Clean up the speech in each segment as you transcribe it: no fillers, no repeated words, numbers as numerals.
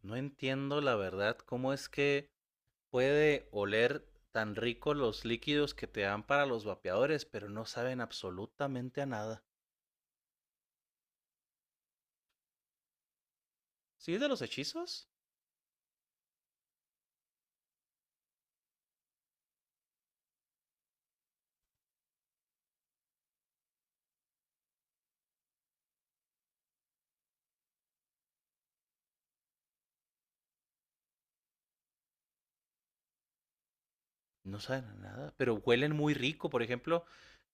No entiendo la verdad cómo es que puede oler tan rico los líquidos que te dan para los vapeadores, pero no saben absolutamente a nada. ¿Sí es de los hechizos? No saben a nada, pero huelen muy rico. Por ejemplo,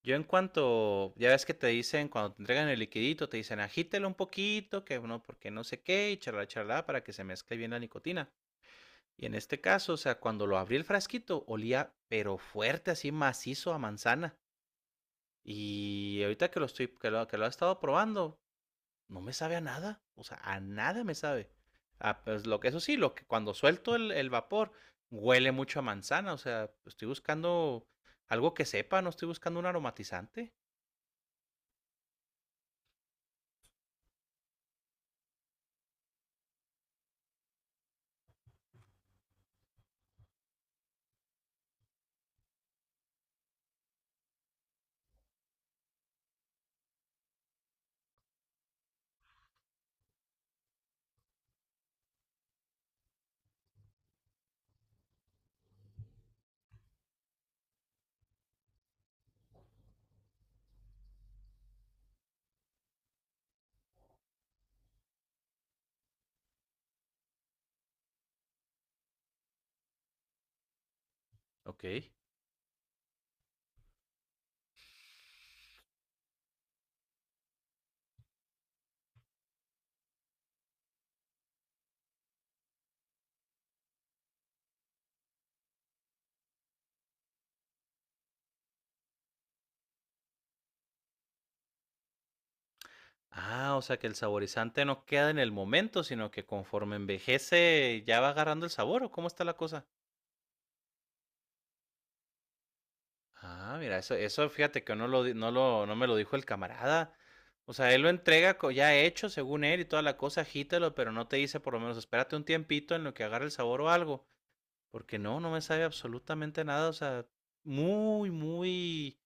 yo en cuanto, ya ves que te dicen, cuando te entregan el liquidito, te dicen agítelo un poquito, que no, porque no sé qué, y charla, charla, para que se mezcle bien la nicotina. Y en este caso, o sea, cuando lo abrí el frasquito, olía pero fuerte, así macizo a manzana. Y ahorita que lo estoy, que lo he estado probando, no me sabe a nada. O sea, a nada me sabe. Ah, pues lo que eso sí, lo que cuando suelto el vapor, huele mucho a manzana. O sea, estoy buscando algo que sepa, no estoy buscando un aromatizante. Ok. Ah, o sea que el saborizante no queda en el momento, sino que conforme envejece ya va agarrando el sabor, ¿o cómo está la cosa? Ah, mira, eso fíjate que no lo, di- no lo, no me lo dijo el camarada. O sea, él lo entrega ya hecho, según él, y toda la cosa, agítalo, pero no te dice por lo menos, espérate un tiempito en lo que agarre el sabor o algo. Porque no, no me sabe absolutamente nada. O sea, muy, muy,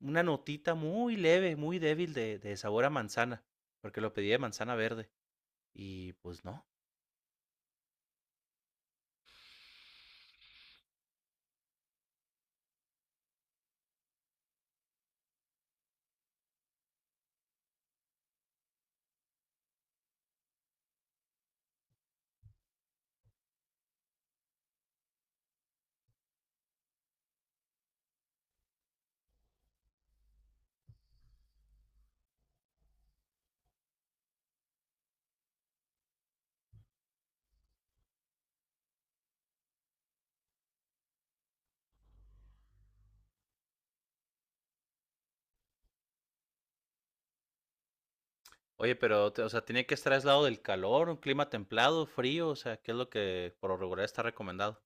una notita muy leve, muy débil de sabor a manzana. Porque lo pedí de manzana verde. Y pues no. Oye, pero, o sea, tiene que estar aislado del calor, un clima templado, frío, o sea, ¿qué es lo que por lo regular está recomendado?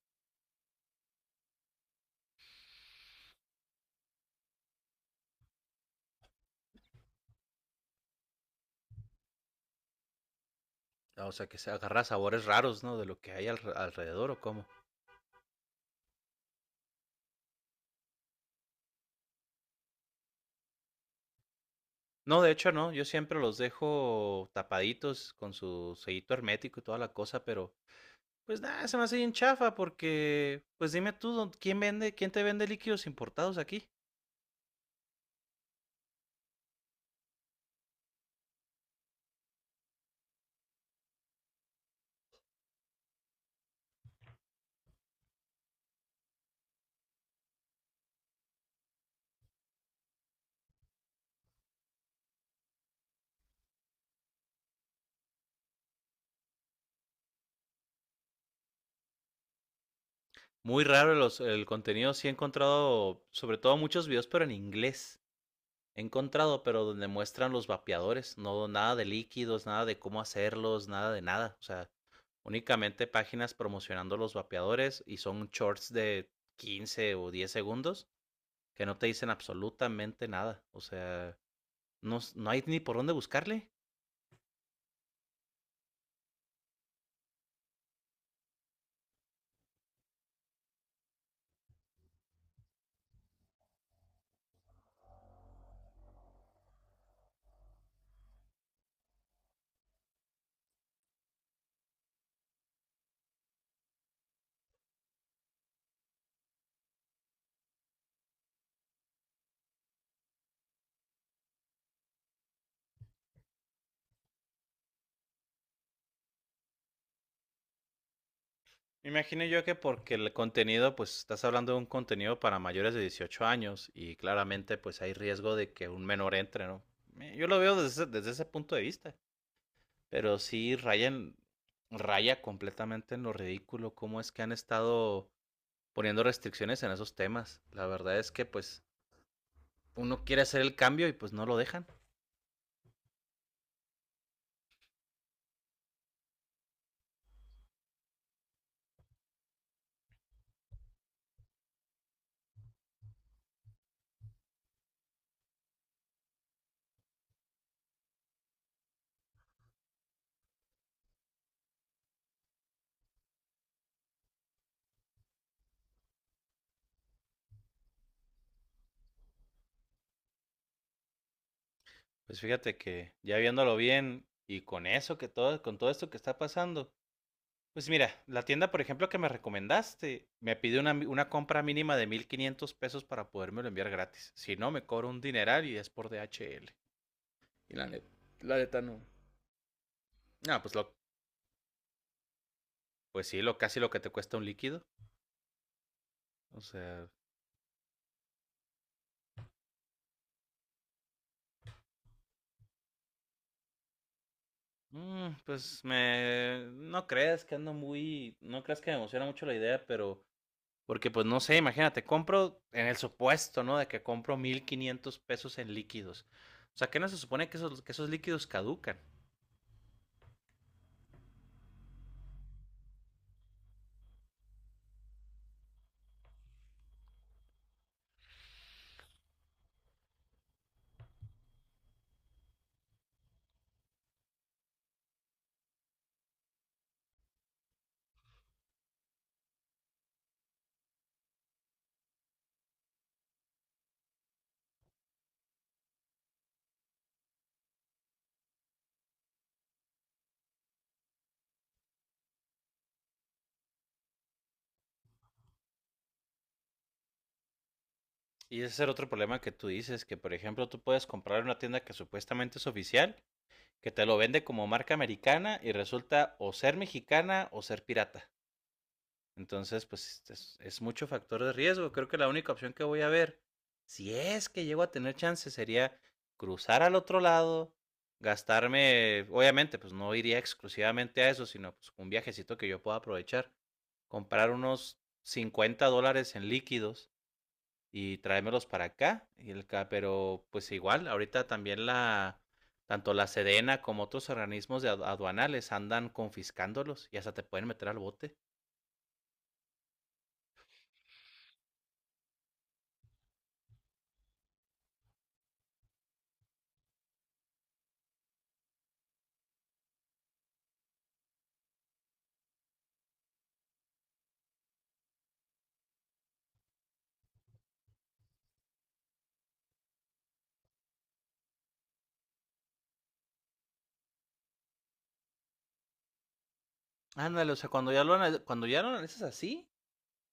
Ah, o sea, que se agarra sabores raros, ¿no? De lo que hay alrededor o cómo. No, de hecho no, yo siempre los dejo tapaditos con su sellito hermético y toda la cosa, pero pues nada, se me hace bien chafa porque, pues dime tú, ¿quién vende, quién te vende líquidos importados aquí? Muy raro los, el contenido, sí he encontrado sobre todo muchos videos, pero en inglés. He encontrado, pero donde muestran los vapeadores, no nada de líquidos, nada de cómo hacerlos, nada de nada. O sea, únicamente páginas promocionando los vapeadores y son shorts de 15 o 10 segundos que no te dicen absolutamente nada. O sea, no, no hay ni por dónde buscarle. Me imagino yo que porque el contenido, pues estás hablando de un contenido para mayores de 18 años y claramente pues hay riesgo de que un menor entre, ¿no? Yo lo veo desde, desde ese punto de vista. Pero sí rayan, raya completamente en lo ridículo cómo es que han estado poniendo restricciones en esos temas. La verdad es que pues uno quiere hacer el cambio y pues no lo dejan. Pues fíjate que ya viéndolo bien y con eso que todo, con todo esto que está pasando, pues mira, la tienda por ejemplo que me recomendaste me pide una compra mínima de 1500 pesos para podérmelo enviar gratis. Si no, me cobro un dineral y es por DHL. Y la neta no. No, pues lo, pues sí, lo casi lo que te cuesta un líquido. O sea, pues me... No creas que ando muy... No creas que me emociona mucho la idea, pero... Porque pues no sé, imagínate, compro en el supuesto, ¿no? De que compro 1500 pesos en líquidos. O sea, que no se supone que esos líquidos caducan. Y ese es el otro problema que tú dices, que por ejemplo tú puedes comprar en una tienda que supuestamente es oficial, que te lo vende como marca americana y resulta o ser mexicana o ser pirata. Entonces, pues es mucho factor de riesgo. Creo que la única opción que voy a ver, si es que llego a tener chance, sería cruzar al otro lado, gastarme, obviamente, pues no iría exclusivamente a eso, sino pues un viajecito que yo pueda aprovechar, comprar unos $50 en líquidos y traérmelos para acá, y el, pero pues igual, ahorita también la, tanto la Sedena como otros organismos de aduanales andan confiscándolos y hasta te pueden meter al bote. Ándale, o sea, cuando ya lo, cuando ya lo analizas así,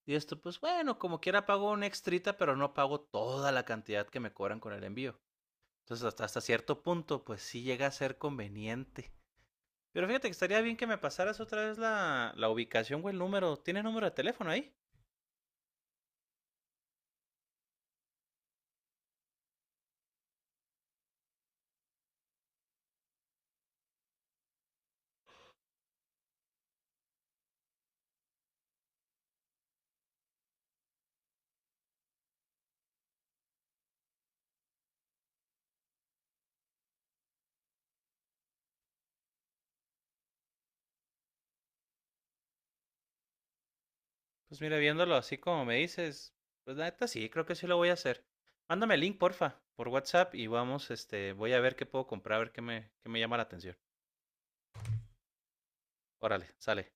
y esto, pues bueno, como quiera pago una extrita, pero no pago toda la cantidad que me cobran con el envío. Entonces, hasta, hasta cierto punto, pues sí llega a ser conveniente. Pero fíjate que estaría bien que me pasaras otra vez la, la ubicación o el número. ¿Tienes número de teléfono ahí? Pues mira, viéndolo así como me dices, pues la neta sí, creo que sí lo voy a hacer. Mándame el link, porfa, por WhatsApp y vamos, este, voy a ver qué puedo comprar, a ver qué me llama la atención. Órale, sale.